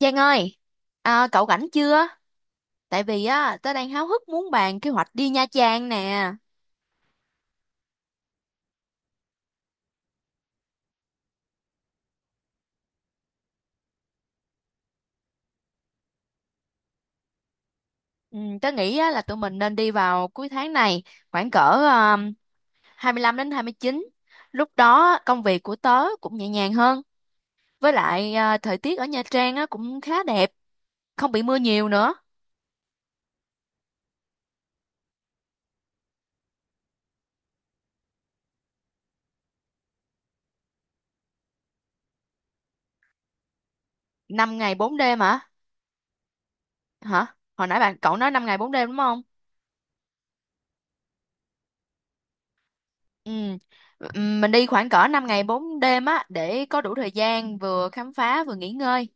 Giang ơi, cậu rảnh chưa? Tại vì á, tớ đang háo hức muốn bàn kế hoạch đi Nha Trang nè. Ừ, tớ nghĩ á, là tụi mình nên đi vào cuối tháng này, khoảng cỡ um, 25 đến 29. Lúc đó công việc của tớ cũng nhẹ nhàng hơn. Với lại à, thời tiết ở Nha Trang á, cũng khá đẹp, không bị mưa nhiều nữa. Năm ngày 4 đêm hả? Hả? Hồi nãy bạn cậu nói 5 ngày 4 đêm đúng không? Ừ. Mình đi khoảng cỡ 5 ngày 4 đêm á để có đủ thời gian vừa khám phá vừa nghỉ ngơi.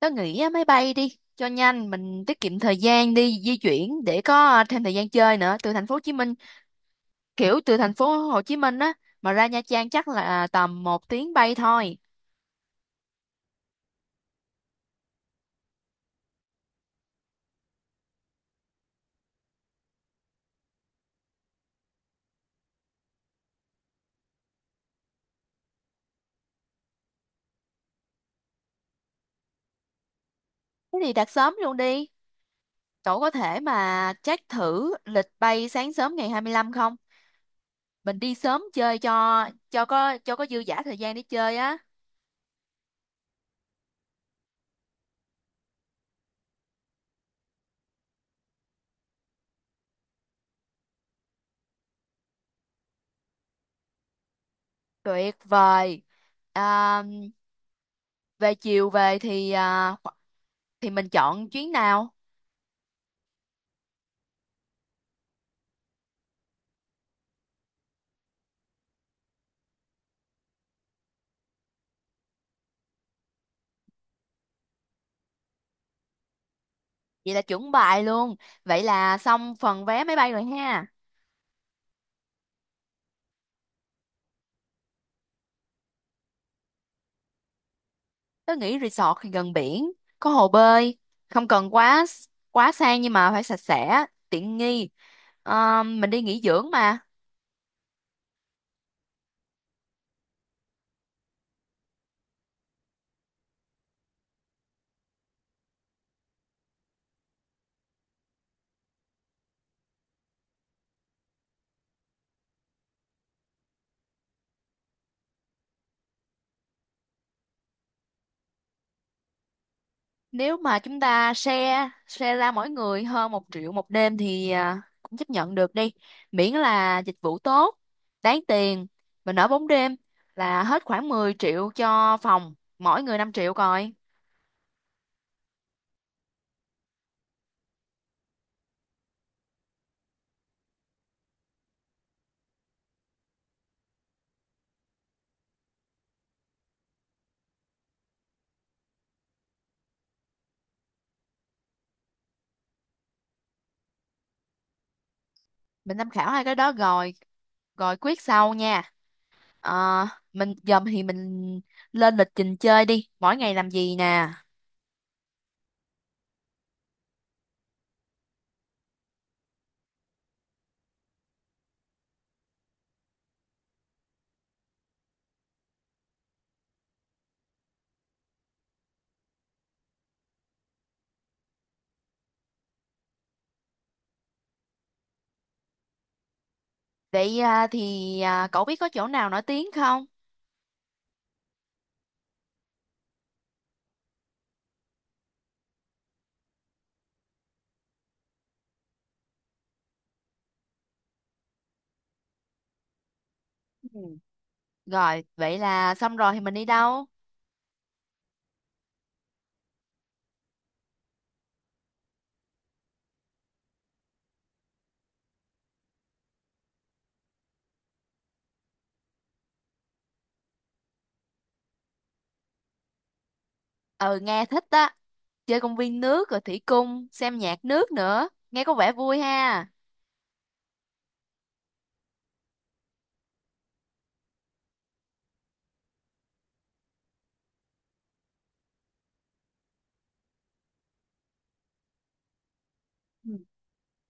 Tớ nghĩ á, máy bay đi cho nhanh, mình tiết kiệm thời gian đi di chuyển để có à, thêm thời gian chơi nữa. Từ thành phố Hồ Chí Minh, kiểu từ thành phố Hồ Chí Minh á mà ra Nha Trang chắc là à, tầm một tiếng bay thôi. Thế thì đặt sớm luôn đi. Cậu có thể mà check thử lịch bay sáng sớm ngày 25 không? Mình đi sớm chơi cho có dư dả thời gian để chơi á. Tuyệt vời. À, về chiều về thì à, thì mình chọn chuyến nào? Vậy là chuẩn bài luôn. Vậy là xong phần vé máy bay rồi ha. Tớ nghĩ resort thì gần biển, có hồ bơi, không cần quá quá sang nhưng mà phải sạch sẽ, tiện nghi. Ờ, mình đi nghỉ dưỡng mà. Nếu mà chúng ta share share ra mỗi người hơn một triệu một đêm thì à, cũng chấp nhận được đi. Miễn là dịch vụ tốt, đáng tiền. Mình ở bốn đêm là hết khoảng 10 triệu cho phòng, mỗi người 5 triệu coi. Mình tham khảo hai cái đó rồi, rồi quyết sau nha. Ờ, mình dầm thì mình lên lịch trình chơi đi. Mỗi ngày làm gì nè? Vậy à, thì à, cậu biết có chỗ nào nổi tiếng không? Ừ. Rồi, vậy là xong rồi thì mình đi đâu? Ừ, nghe thích á. Chơi công viên nước rồi thủy cung, xem nhạc nước nữa. Nghe có vẻ vui ha. Ừ.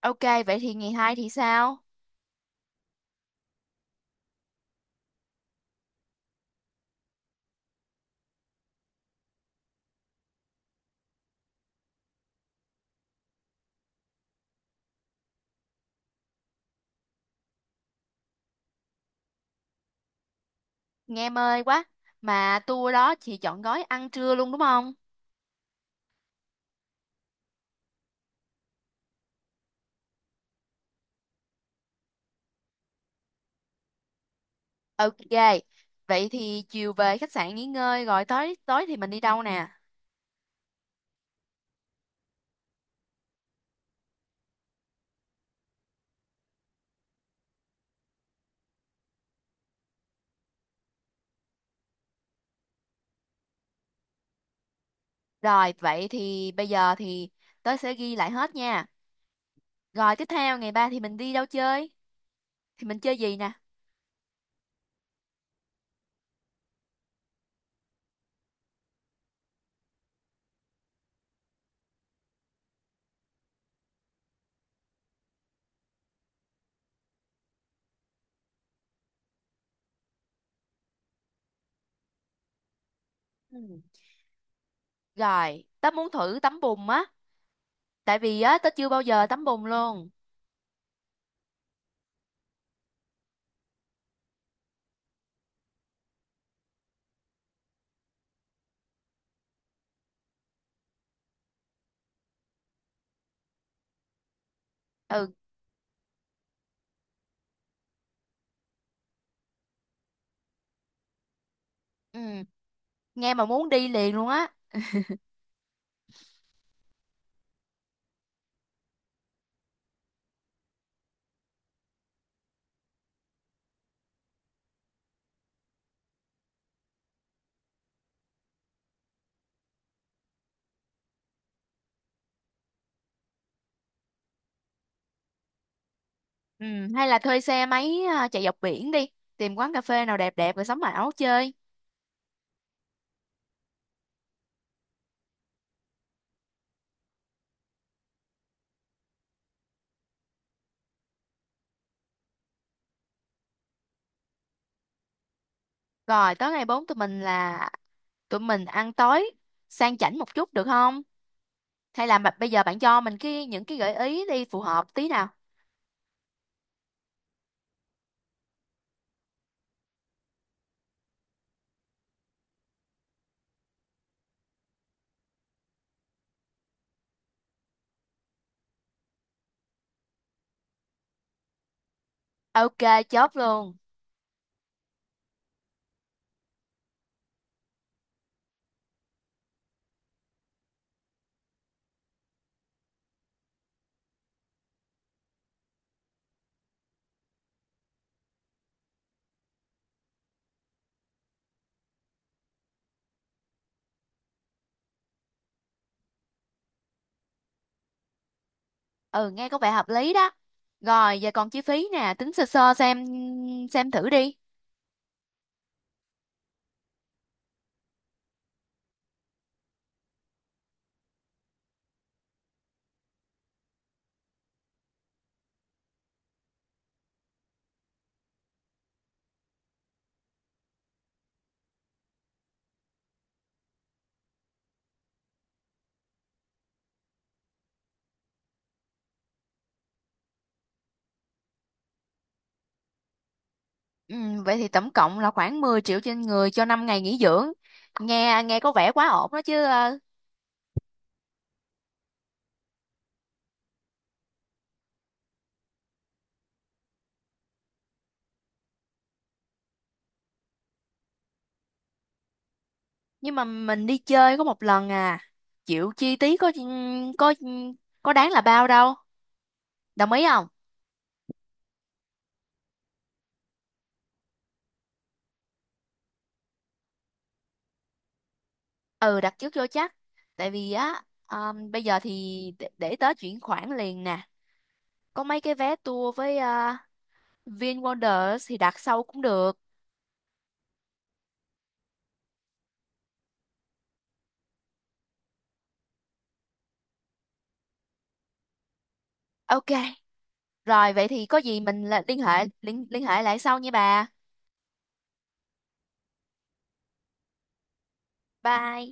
Ok, vậy thì ngày hai thì sao? Nghe mê quá. Mà tour đó chị chọn gói ăn trưa luôn đúng không? Ok. Vậy thì chiều về khách sạn nghỉ ngơi rồi tối tối thì mình đi đâu nè? Rồi, vậy thì bây giờ thì tớ sẽ ghi lại hết nha. Rồi tiếp theo ngày ba thì mình đi đâu chơi? Thì mình chơi gì nè? Ừ. Rồi, tớ muốn thử tắm bùn á, tại vì á tớ chưa bao giờ tắm bùn luôn. Ừ, ừ, nghe mà muốn đi liền luôn á. Ừ, hay là thuê xe máy à, chạy dọc biển đi, tìm quán cà phê nào đẹp đẹp rồi sắm áo chơi. Rồi, tới ngày 4 tụi mình là tụi mình ăn tối sang chảnh một chút được không? Hay là mà- bây giờ bạn cho mình cái những cái gợi ý đi phù hợp tí nào. Ok, chốt luôn. Ừ nghe có vẻ hợp lý đó. Rồi giờ còn chi phí nè, tính sơ sơ xem thử đi. Ừ, vậy thì tổng cộng là khoảng 10 triệu trên người cho 5 ngày nghỉ dưỡng. Nghe nghe có vẻ quá ổn đó chứ. Ờ, nhưng mà mình đi chơi có một lần à, chịu chi phí có có ừ, có đáng là bao đâu, đồng ý không? Ừ, đặt trước vô chắc. Tại vì á ờ, bây giờ thì để tớ chuyển khoản liền nè. Có mấy cái vé tour với VinWonders thì đặt sau cũng được. Ok. Rồi vậy thì có gì mình là liên hệ lại sau nha bà. Bye.